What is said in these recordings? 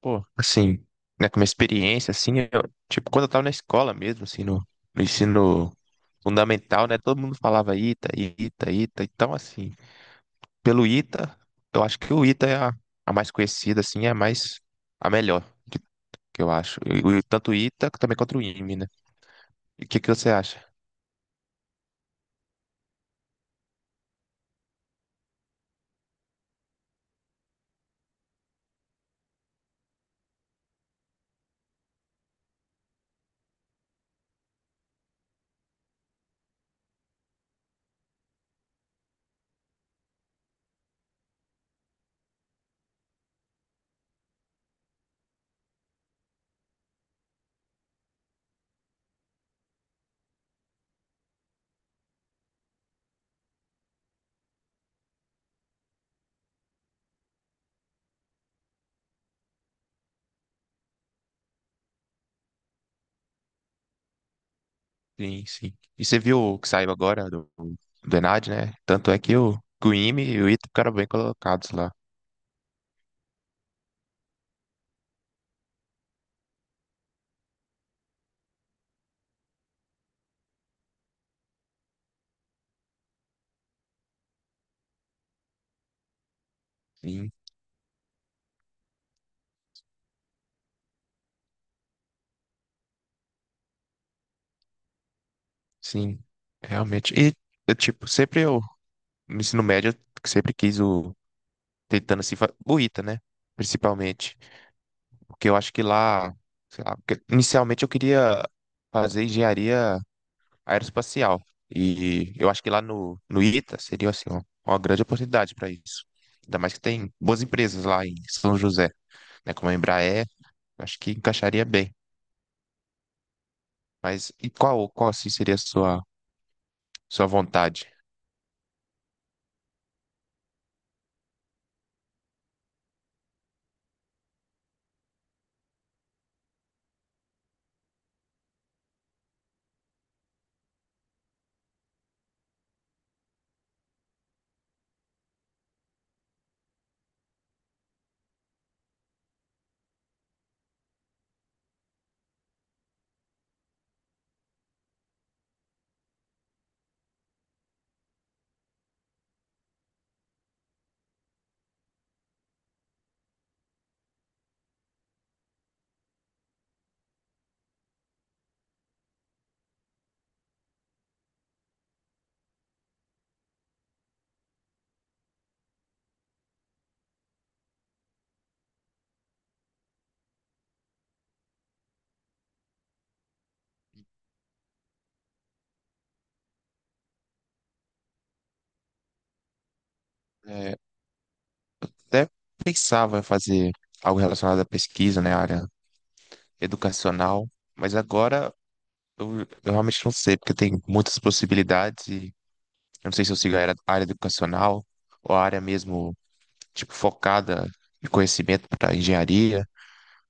Pô, assim, né, com uma experiência, assim, tipo, quando eu tava na escola mesmo, assim, no ensino fundamental, né, todo mundo falava ITA, ITA, ITA, então, assim, pelo ITA, eu acho que o ITA é a mais conhecida, assim, é a mais, a melhor, que, que eu acho. Tanto o ITA também quanto o IME, né, e o que que você acha? Sim, sim, e você viu o que saiu agora do ENAD, né, tanto é que o IME e o ITA ficaram bem colocados lá, sim, sim, realmente, e, eu, tipo, sempre eu no ensino médio, eu sempre quis o. Tentando se. Fa- buita né? Principalmente. Porque eu acho que lá. Sei lá, porque inicialmente eu queria fazer engenharia aeroespacial. E eu acho que lá no ITA seria assim, ó, uma grande oportunidade para isso. Ainda mais que tem boas empresas lá em São José, né? Como a Embraer, eu acho que encaixaria bem. Mas e qual assim seria a sua vontade? É, até pensava em fazer algo relacionado à pesquisa, né? Área educacional, mas agora eu realmente não sei, porque tem muitas possibilidades e eu não sei se eu sigo a área educacional ou a área mesmo, tipo, focada de conhecimento para engenharia.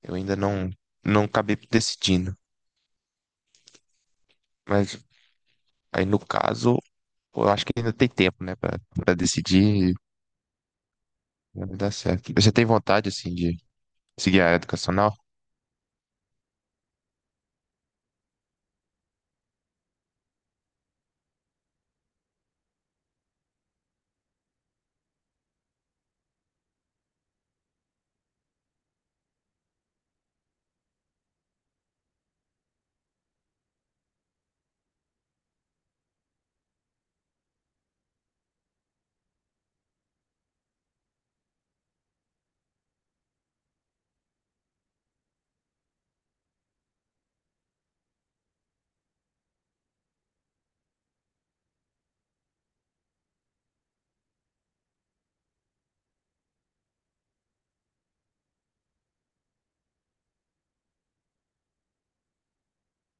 Eu ainda não, não acabei decidindo, mas aí no caso, eu acho que ainda tem tempo, né, para decidir e vai dar certo. Você tem vontade, assim, de seguir a área educacional?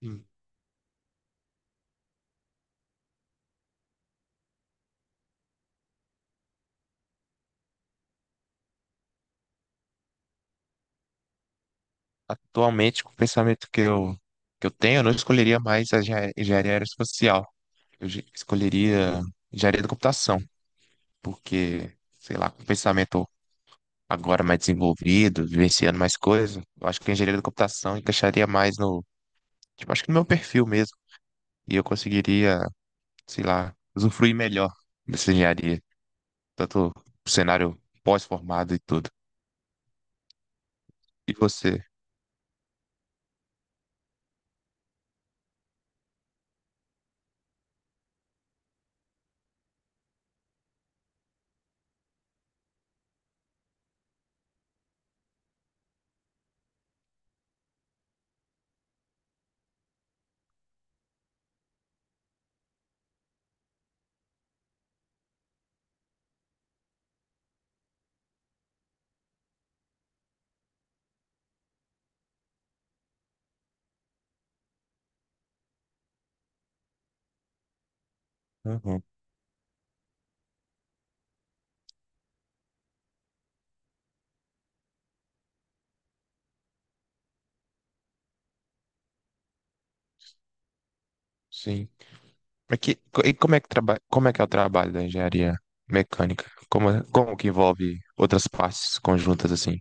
Sim. Atualmente, com o pensamento que eu tenho, eu não escolheria mais a engenharia aeroespacial. Escolheria engenharia da computação, porque, sei lá, com o pensamento agora mais desenvolvido, vivenciando mais coisas, eu acho que a engenharia da computação encaixaria mais no, tipo, acho que no meu perfil mesmo. E eu conseguiria, sei lá, usufruir melhor dessa engenharia, tanto o cenário pós-formado e tudo. E você? Uhum, sim. Mas e como é que trabalha, como é que é o trabalho da engenharia mecânica? Como que envolve outras partes conjuntas assim,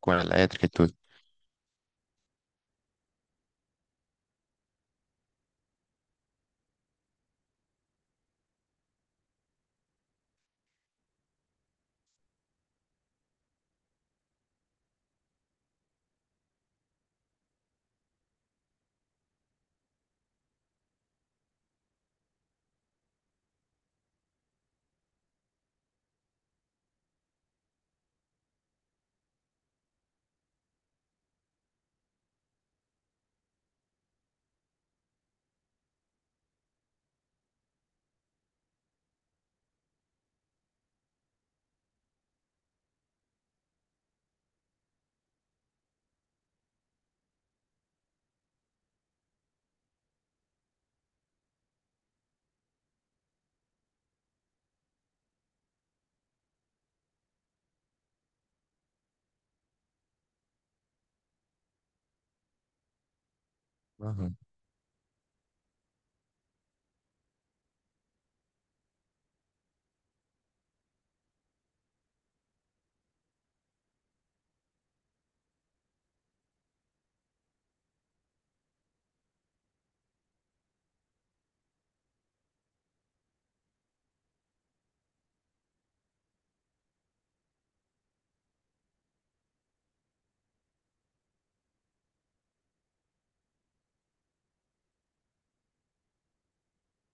com a elétrica e tudo?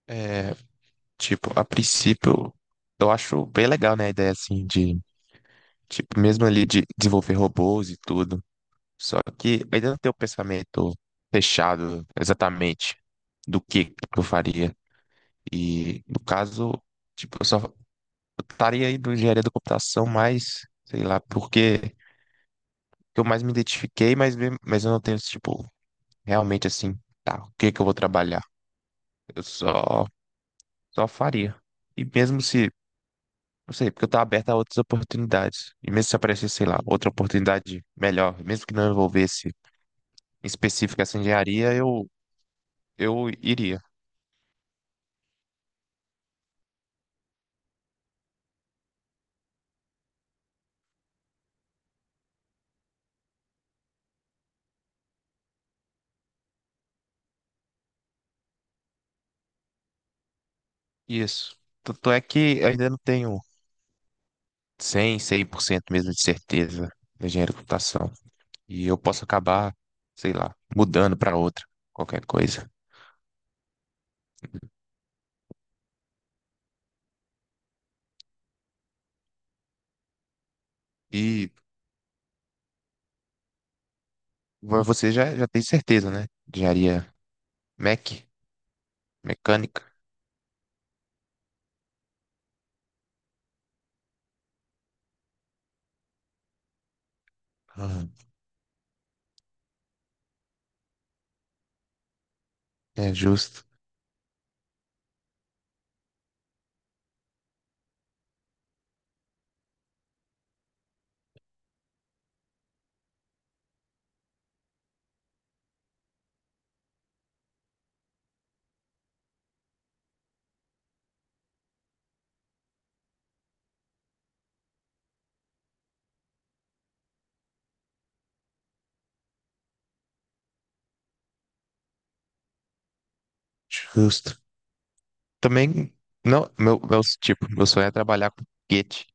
É, tipo, a princípio, eu acho bem legal, né, a ideia, assim, de, tipo, mesmo ali de desenvolver robôs e tudo. Só que eu ainda não tenho o pensamento fechado exatamente do que eu faria. E, no caso, tipo, eu estaria aí em engenharia da computação mais, sei lá, porque eu mais me identifiquei, mas eu não tenho, tipo, realmente, assim, tá, o que que eu vou trabalhar? Eu só, só faria. E mesmo se não sei, porque eu tô aberto a outras oportunidades. E mesmo se aparecesse, sei lá, outra oportunidade melhor, mesmo que não envolvesse em específico essa engenharia, eu iria. Isso. Tanto é que eu ainda não tenho cem por cento mesmo de certeza da engenharia de computação. E eu posso acabar, sei lá, mudando para outra, qualquer coisa. E você já tem certeza, né? Engenharia mec, mecânica. Aham. É justo, justo. Também, não, tipo, meu sonho é trabalhar com foguete.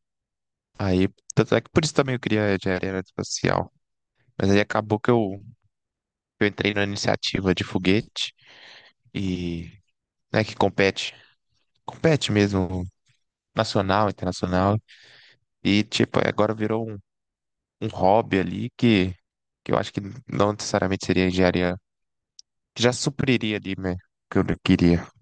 Aí, tanto é que por isso também eu queria engenharia aeroespacial. Mas aí acabou que eu entrei na iniciativa de foguete e, né, que compete, compete mesmo, nacional, internacional. E, tipo, agora virou um, um hobby ali que eu acho que não necessariamente seria engenharia, que já supriria ali, né, o que eu queria.